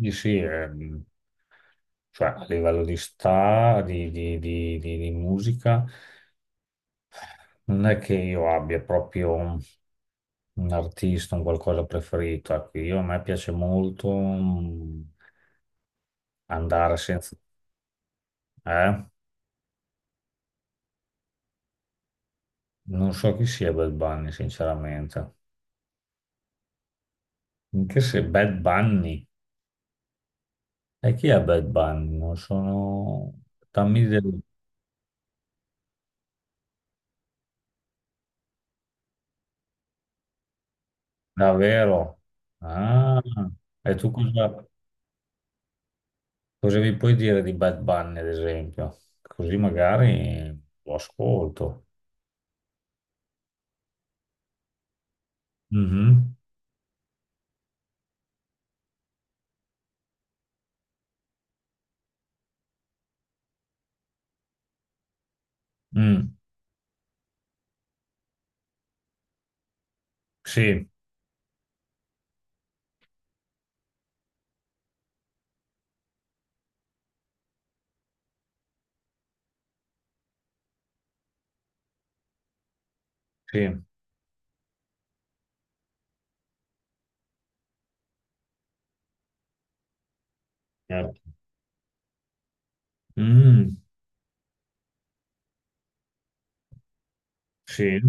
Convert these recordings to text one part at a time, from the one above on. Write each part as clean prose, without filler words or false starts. Sì, sì, cioè, a livello di sta, di musica, non è che io abbia proprio un artista, un qualcosa preferito. Ecco, a me piace molto andare senza. Eh? Non so chi sia Bad Bunny, sinceramente. Anche se Bad Bunny. E chi è Bad Bunny? Non sono. Dammi del. Davvero? Ah, e tu cosa. Cosa mi puoi dire di Bad Bunny, ad esempio? Così magari lo ascolto. Mhm. Mm. Sì, sì. Eh. Mm, sì.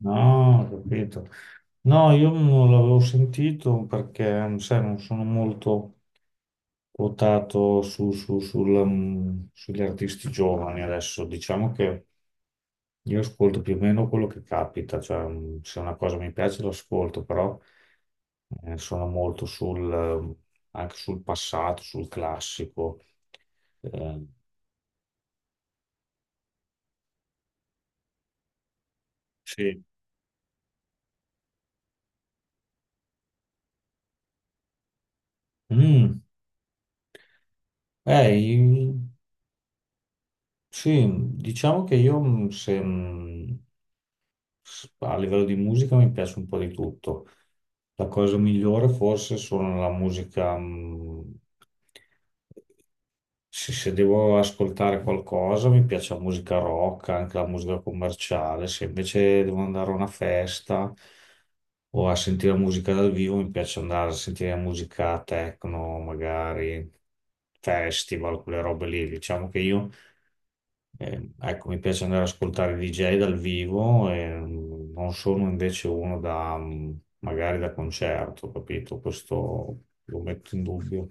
No, ho capito. No, io non l'avevo sentito perché, sai, non sono molto quotato sul, sugli artisti giovani adesso. Diciamo che io ascolto più o meno quello che capita, cioè se una cosa mi piace l'ascolto, però sono molto anche sul passato, sul classico. Eh, Sì. mm, eh, i- sì. diciamo che io mm, se, mm, A livello di musica mi piace un po' di tutto. La cosa migliore forse sono la musica, se devo ascoltare qualcosa mi piace la musica rock, anche la musica commerciale, se invece devo andare a una festa o a sentire musica dal vivo mi piace andare a sentire musica techno, magari festival, quelle robe lì. Diciamo che io ecco, mi piace andare ad ascoltare DJ dal vivo e non sono invece uno da magari da concerto, capito? Questo lo metto in dubbio.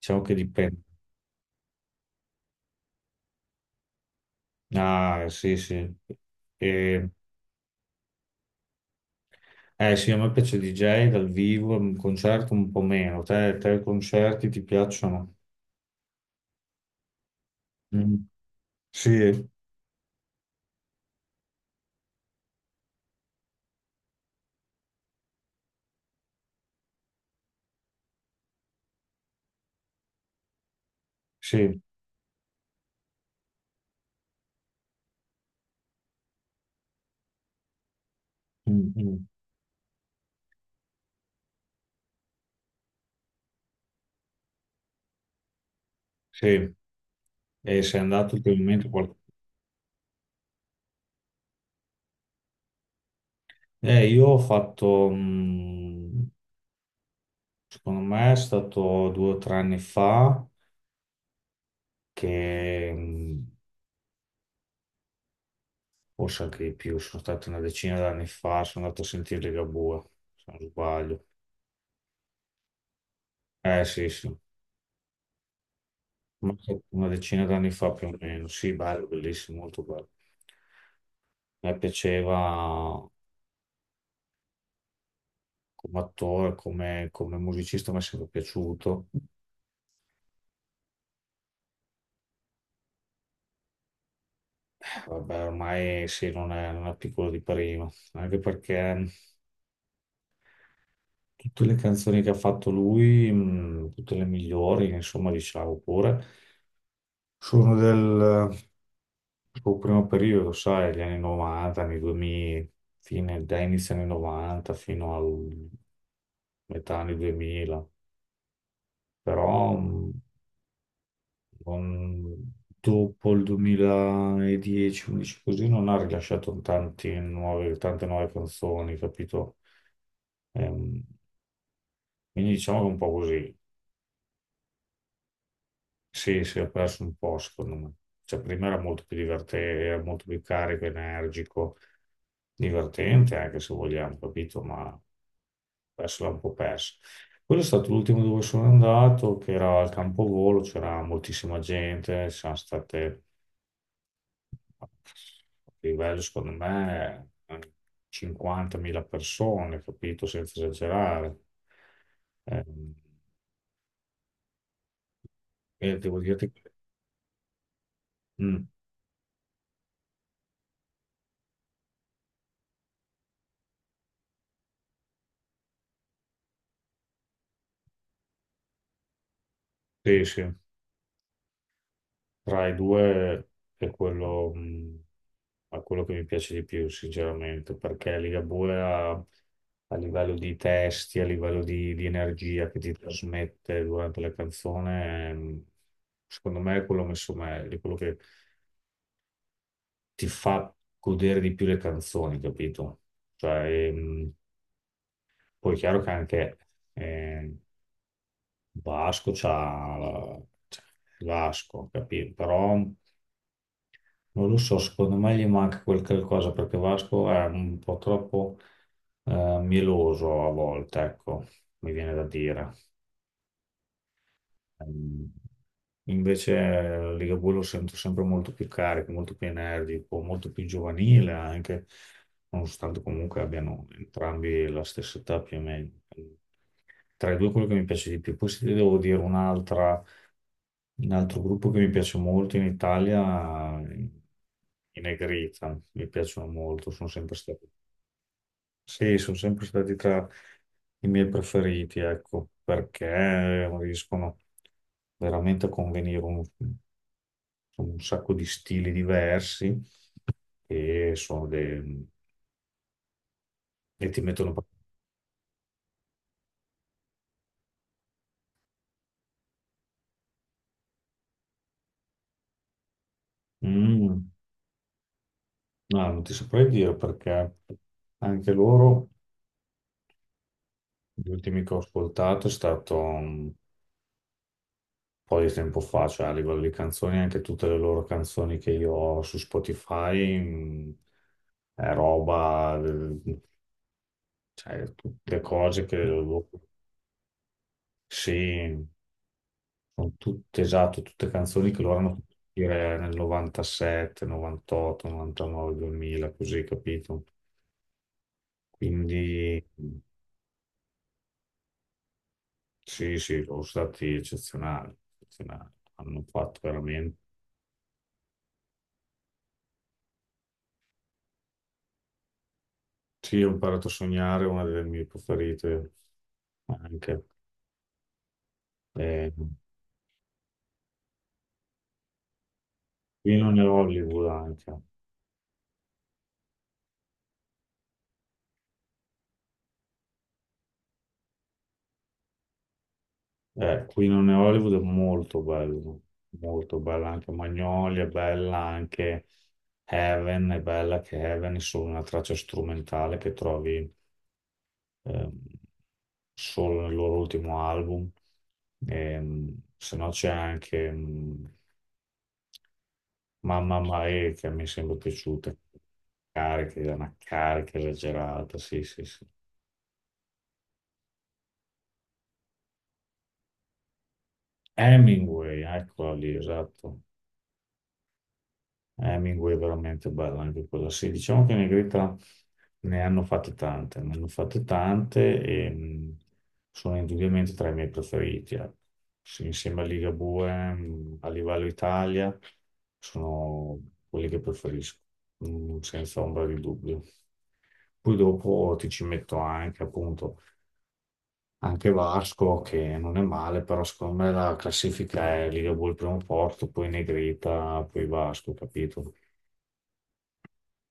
Diciamo che dipende. Ah, sì, sì. E- eh sì, a me piace DJ dal vivo, un concerto un po' meno. Te i concerti ti piacciono? Mm. Sì, sì. Mm, mm. Sì. E sei andato ultimamente. Io ho fatto... mm, Secondo me è stato 2 o 3 anni fa, che forse anche di più, sono stato una decina d'anni fa, sono andato a sentire Ligabue, se non sbaglio. Eh sì, sì. Ma sì, una decina d'anni fa più o meno. Sì, bello, bellissimo, molto bello. Mi piaceva come attore, come musicista, mi è sempre piaciuto. Vabbè, ormai sì, non è piccolo di prima, anche perché tutte le canzoni che ha fatto lui, tutte le migliori, insomma, diciamo pure, sono del suo primo periodo, sai, gli anni 90, anni 2000, fine, da inizio anni 90 fino al metà anni 2000, però non- dopo il 2010-11 così non ha rilasciato tante nuove canzoni, capito? Ehm, quindi diciamo che è un po' così. Sì, si è perso un po', secondo me. Cioè, prima era molto più divertente, era molto più carico, energico, divertente anche se vogliamo, capito? Ma adesso l'ha un po' perso. Quello è stato l'ultimo dove sono andato, che era al Campovolo, c'era moltissima gente, ci sono state, a livello secondo me, 50.000 persone, capito? Senza esagerare. Eh, e devo dirti che. Mm, sì, sì. Tra i due è quello, mh, è quello che mi piace di più, sinceramente, perché Ligabue ha, a livello di testi, a livello di energia che ti trasmette durante la canzone, secondo me è quello messo meglio, è quello che ti fa godere di più le canzoni, capito? Cioè, poi è chiaro che anche eh, Vasco c'ha Vasco, capito? Però non lo so, secondo me gli manca quel qualcosa perché Vasco è un po' troppo mieloso a volte, ecco, mi viene da dire. Ehm, Invece, Ligabue lo sento sempre molto più carico, molto più energico, molto più giovanile anche, nonostante comunque abbiano entrambi la stessa età più o meno. Tra i due quello che mi piace di più. Poi se ti devo dire un altro gruppo che mi piace molto in Italia, i Negrita, mi piacciono molto, sono sempre stati, sì, sono sempre stati tra i miei preferiti, ecco, perché riescono veramente a convenire insomma, un sacco di stili diversi e, sono dei- e ti mettono. Mm, no, non ti saprei dire perché anche loro, gli ultimi che ho ascoltato po' di tempo fa, cioè a livello di canzoni, anche tutte le loro canzoni che io ho su Spotify, è roba, cioè tutte cose. Sì, sono tutte, esatto, tutte canzoni che loro hanno fatto uscire nel 97, 98, 99, 2000, così, capito? Quindi sì, sì, sono stati eccezionali, eccezionali. Hanno fatto veramente. Sì, ho imparato a sognare, una delle mie preferite anche. Eh, Qui non è Hollywood anche. Qui non è Hollywood è molto bello, molto bella anche Magnolia, è bella anche Heaven, è bella che Heaven è solo una traccia strumentale che trovi ehm, solo nel loro ultimo album. Se no c'è anche Mamma Mae che mi sembra piaciuta, carica, una carica esagerata, sì sì sì. Hemingway, eccola lì, esatto. Hemingway è veramente bella anche quella, sì. Diciamo che Negrita ne hanno fatte tante, ne hanno fatte tante e sono indubbiamente tra i miei preferiti. Ecco. Sì, insieme a Ligabue, a livello Italia, sono quelli che preferisco, senza ombra di dubbio. Poi dopo ti ci metto anche, appunto, anche Vasco, che non è male, però secondo me la classifica è Ligabue al primo posto, poi Negrita, poi Vasco, capito?